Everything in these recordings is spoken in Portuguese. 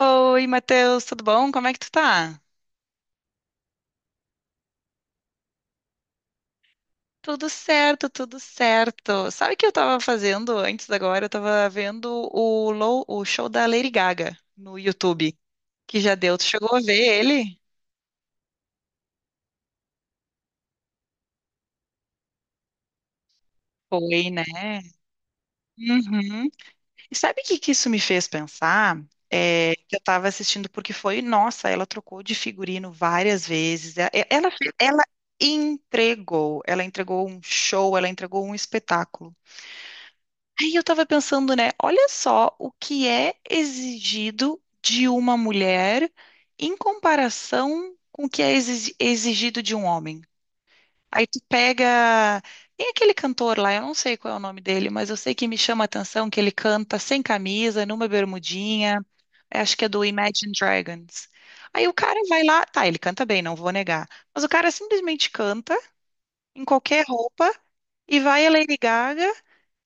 Oi, Matheus, tudo bom? Como é que tu tá? Tudo certo, tudo certo. Sabe o que eu tava fazendo antes agora? Eu tava vendo o show da Lady Gaga no YouTube, que já deu. Tu chegou a ver ele? Foi, né? Uhum. E sabe o que que isso me fez pensar? É, que eu tava assistindo porque foi, nossa, ela trocou de figurino várias vezes. E- Ela, fe- ela entregou um show, ela entregou um espetáculo. Aí eu tava pensando, né? Olha só o que é exigido de uma mulher em comparação com o que é exigido de um homem. Aí tu pega. Tem aquele cantor lá, eu não sei qual é o nome dele, mas eu sei que me chama a atenção que ele canta sem camisa, numa bermudinha. É, Acho que é do Imagine Dragons. Aí o cara vai lá, tá, ele canta bem, não vou negar. Mas o cara simplesmente canta em qualquer roupa e vai a Lady Gaga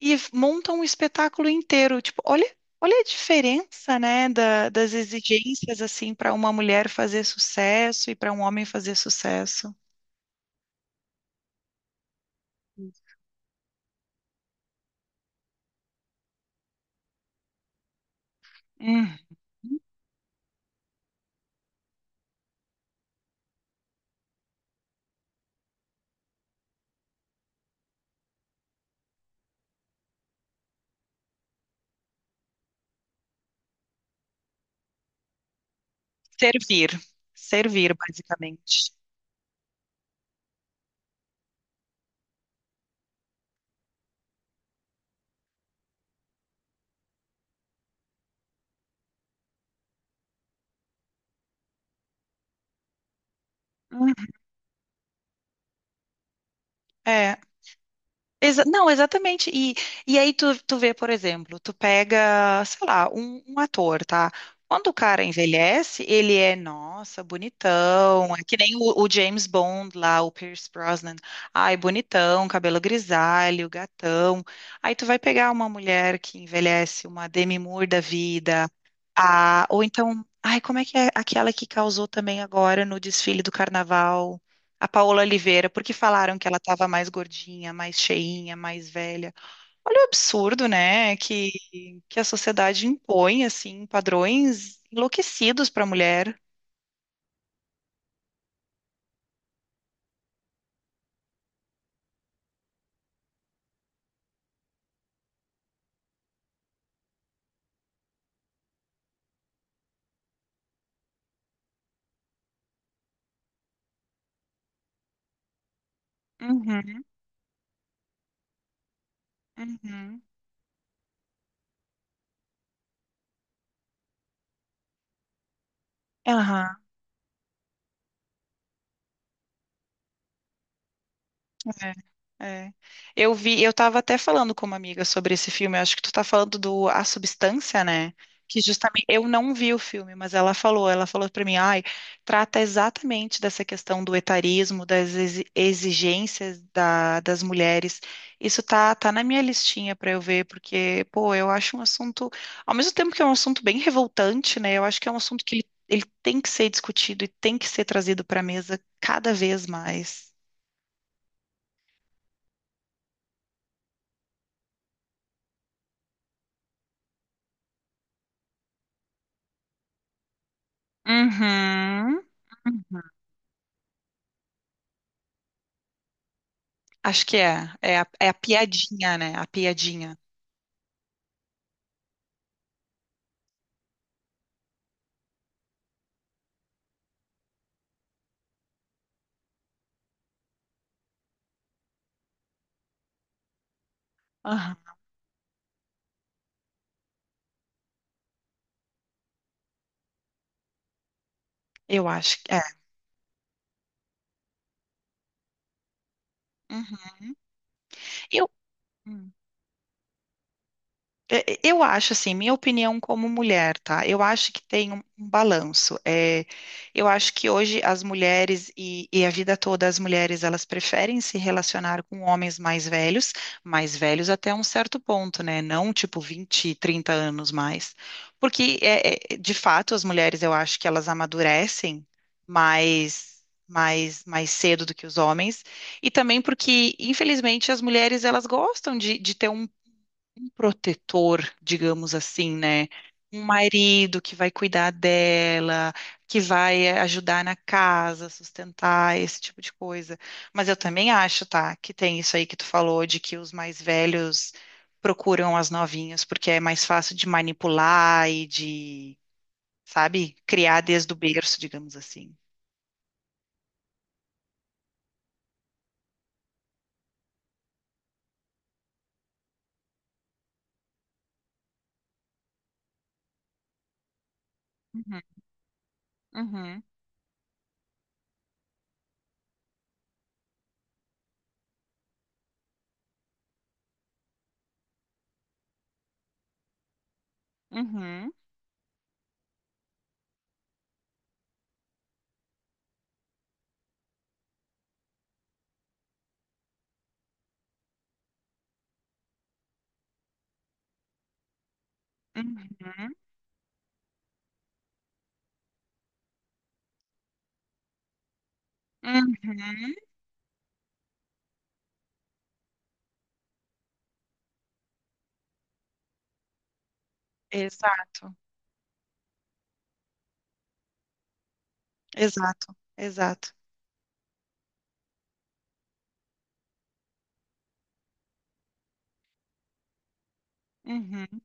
e montam um espetáculo inteiro. Tipo, olha, olha a diferença, né, das exigências assim para uma mulher fazer sucesso e para um homem fazer sucesso. Uhum. Servir, servir basicamente. Uhum. É. Exa- não, exatamente. E aí tu vê, por exemplo, tu pega, sei lá, um ator, tá? Quando o cara envelhece, ele é, nossa, bonitão. É que nem o James Bond lá, o Pierce Brosnan. Ai, bonitão, cabelo grisalho, gatão. Aí tu vai pegar uma mulher que envelhece, uma Demi Moore da vida, ou então, ai, como é que é aquela que causou também agora no desfile do carnaval? A Paola Oliveira, porque falaram que ela estava mais gordinha, mais cheinha, mais velha. Olha o absurdo, né? Que a sociedade impõe, assim, padrões enlouquecidos para a mulher. Uhum, uhum. Aham. É, é. Eu vi, eu tava até falando com uma amiga sobre esse filme, eu acho que tu tá falando do A Substância, né? Que justamente eu não vi o filme, mas ela falou pra mim, ai, trata exatamente dessa questão do etarismo, exigências das mulheres. Isso tá, tá na minha listinha pra eu ver, porque, pô, eu acho um assunto, ao mesmo tempo que é um assunto bem revoltante, né? Eu acho que é um assunto que ele tem que ser discutido e tem que ser trazido pra mesa cada vez mais. Uhum. Acho que é. É é a piadinha, né? A piadinha. Aham. Eu acho que é. Uhum. Eu. É, é, Eu acho assim, minha opinião como mulher, tá? Eu acho que tem um balanço. É, eu acho que hoje as mulheres e a vida toda as mulheres elas preferem se relacionar com homens mais velhos até um certo ponto, né? Não tipo 20, 30 anos mais. Porque é, é, de fato as mulheres eu acho que elas amadurecem mais mais cedo do que os homens. E também porque, infelizmente, as mulheres elas gostam de ter um protetor, digamos assim, né? Um marido que vai cuidar dela, que vai ajudar na casa, sustentar, esse tipo de coisa. Mas eu também acho, tá, que tem isso aí que tu falou de que os mais velhos procuram as novinhas porque é mais fácil de manipular e sabe, criar desde o berço, digamos assim. Uhum, uhum, uhum, uhum, uhum. Exato, exato, exato. Uhum,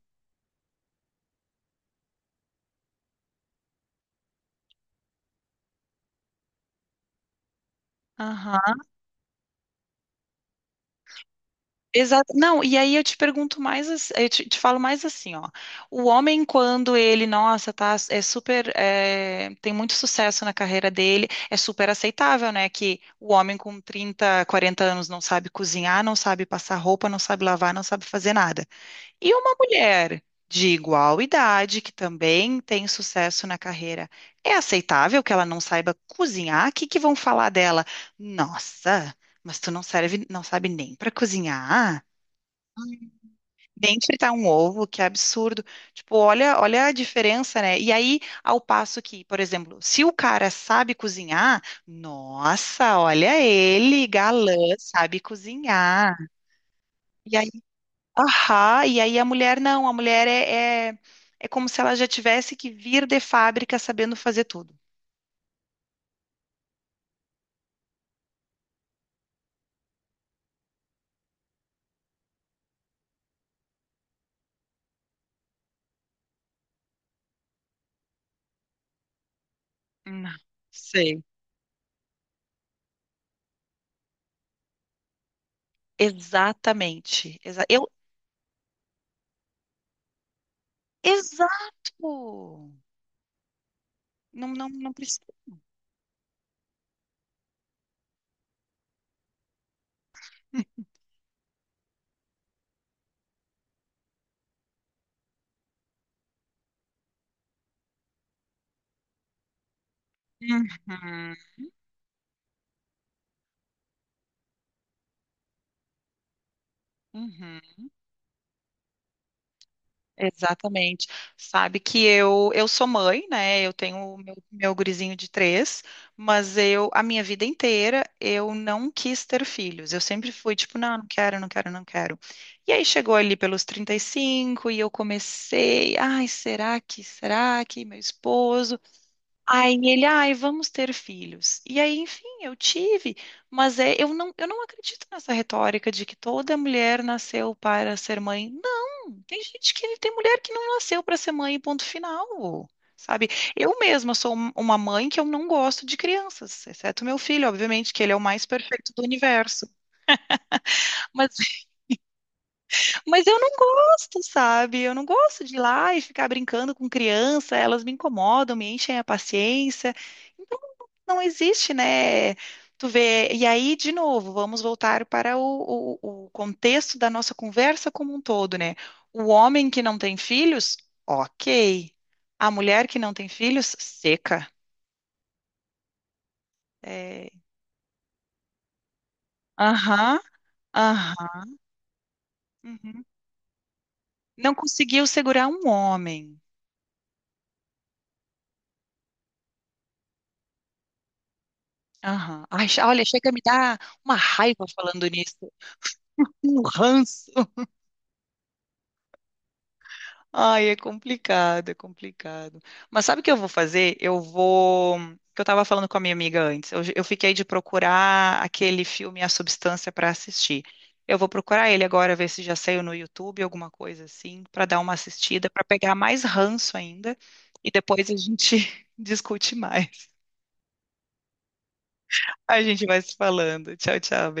aham. Exato. Não, e aí eu te pergunto mais, te falo mais assim, ó. O homem, quando ele, nossa, tá, é super, é, tem muito sucesso na carreira dele, é super aceitável, né? Que o homem com 30, 40 anos não sabe cozinhar, não sabe passar roupa, não sabe lavar, não sabe fazer nada. E uma mulher de igual idade, que também tem sucesso na carreira, é aceitável que ela não saiba cozinhar? O que que vão falar dela? Nossa, mas tu não serve, não sabe nem para cozinhar? Nem fritar um ovo, que absurdo. Tipo, olha, olha a diferença, né? E aí, ao passo que, por exemplo, se o cara sabe cozinhar, nossa, olha ele, galã, sabe cozinhar. E aí, ahá, e aí a mulher não, a mulher é como se ela já tivesse que vir de fábrica sabendo fazer tudo. Não, sei. Exatamente. Exato. Não, não, não precisa. Uhum, uhum. Exatamente. Sabe que eu sou mãe, né? Eu tenho o meu gurizinho de três, mas eu a minha vida inteira eu não quis ter filhos. Eu sempre fui tipo, não, não quero, não quero, não quero. E aí chegou ali pelos 35 e cinco e eu comecei, ai, será que meu esposo? Aí ele, ai, vamos ter filhos. E aí, enfim, eu tive, eu não acredito nessa retórica de que toda mulher nasceu para ser mãe. Não, tem gente que tem mulher que não nasceu para ser mãe, ponto final. Sabe? Eu mesma sou uma mãe que eu não gosto de crianças, exceto meu filho, obviamente, que ele é o mais perfeito do universo. Mas eu não gosto, sabe? Eu não gosto de ir lá e ficar brincando com criança, elas me incomodam, me enchem a paciência. Então, não existe, né? Tu vê. E aí, de novo, vamos voltar para o contexto da nossa conversa como um todo, né? O homem que não tem filhos, ok. A mulher que não tem filhos, seca. É, aham, aham. Uhum. Não conseguiu segurar um homem. Aham. Ai, che- olha, chega a me dar uma raiva falando nisso. Um ranço. Ai, é complicado, é complicado. Mas sabe o que eu vou fazer? Eu vou. Que eu estava falando com a minha amiga antes. Eu fiquei de procurar aquele filme A Substância para assistir. Eu vou procurar ele agora, ver se já saiu no YouTube, alguma coisa assim, para dar uma assistida, para pegar mais ranço ainda. E depois a gente discute mais. A gente vai se falando. Tchau, tchau. Beijo.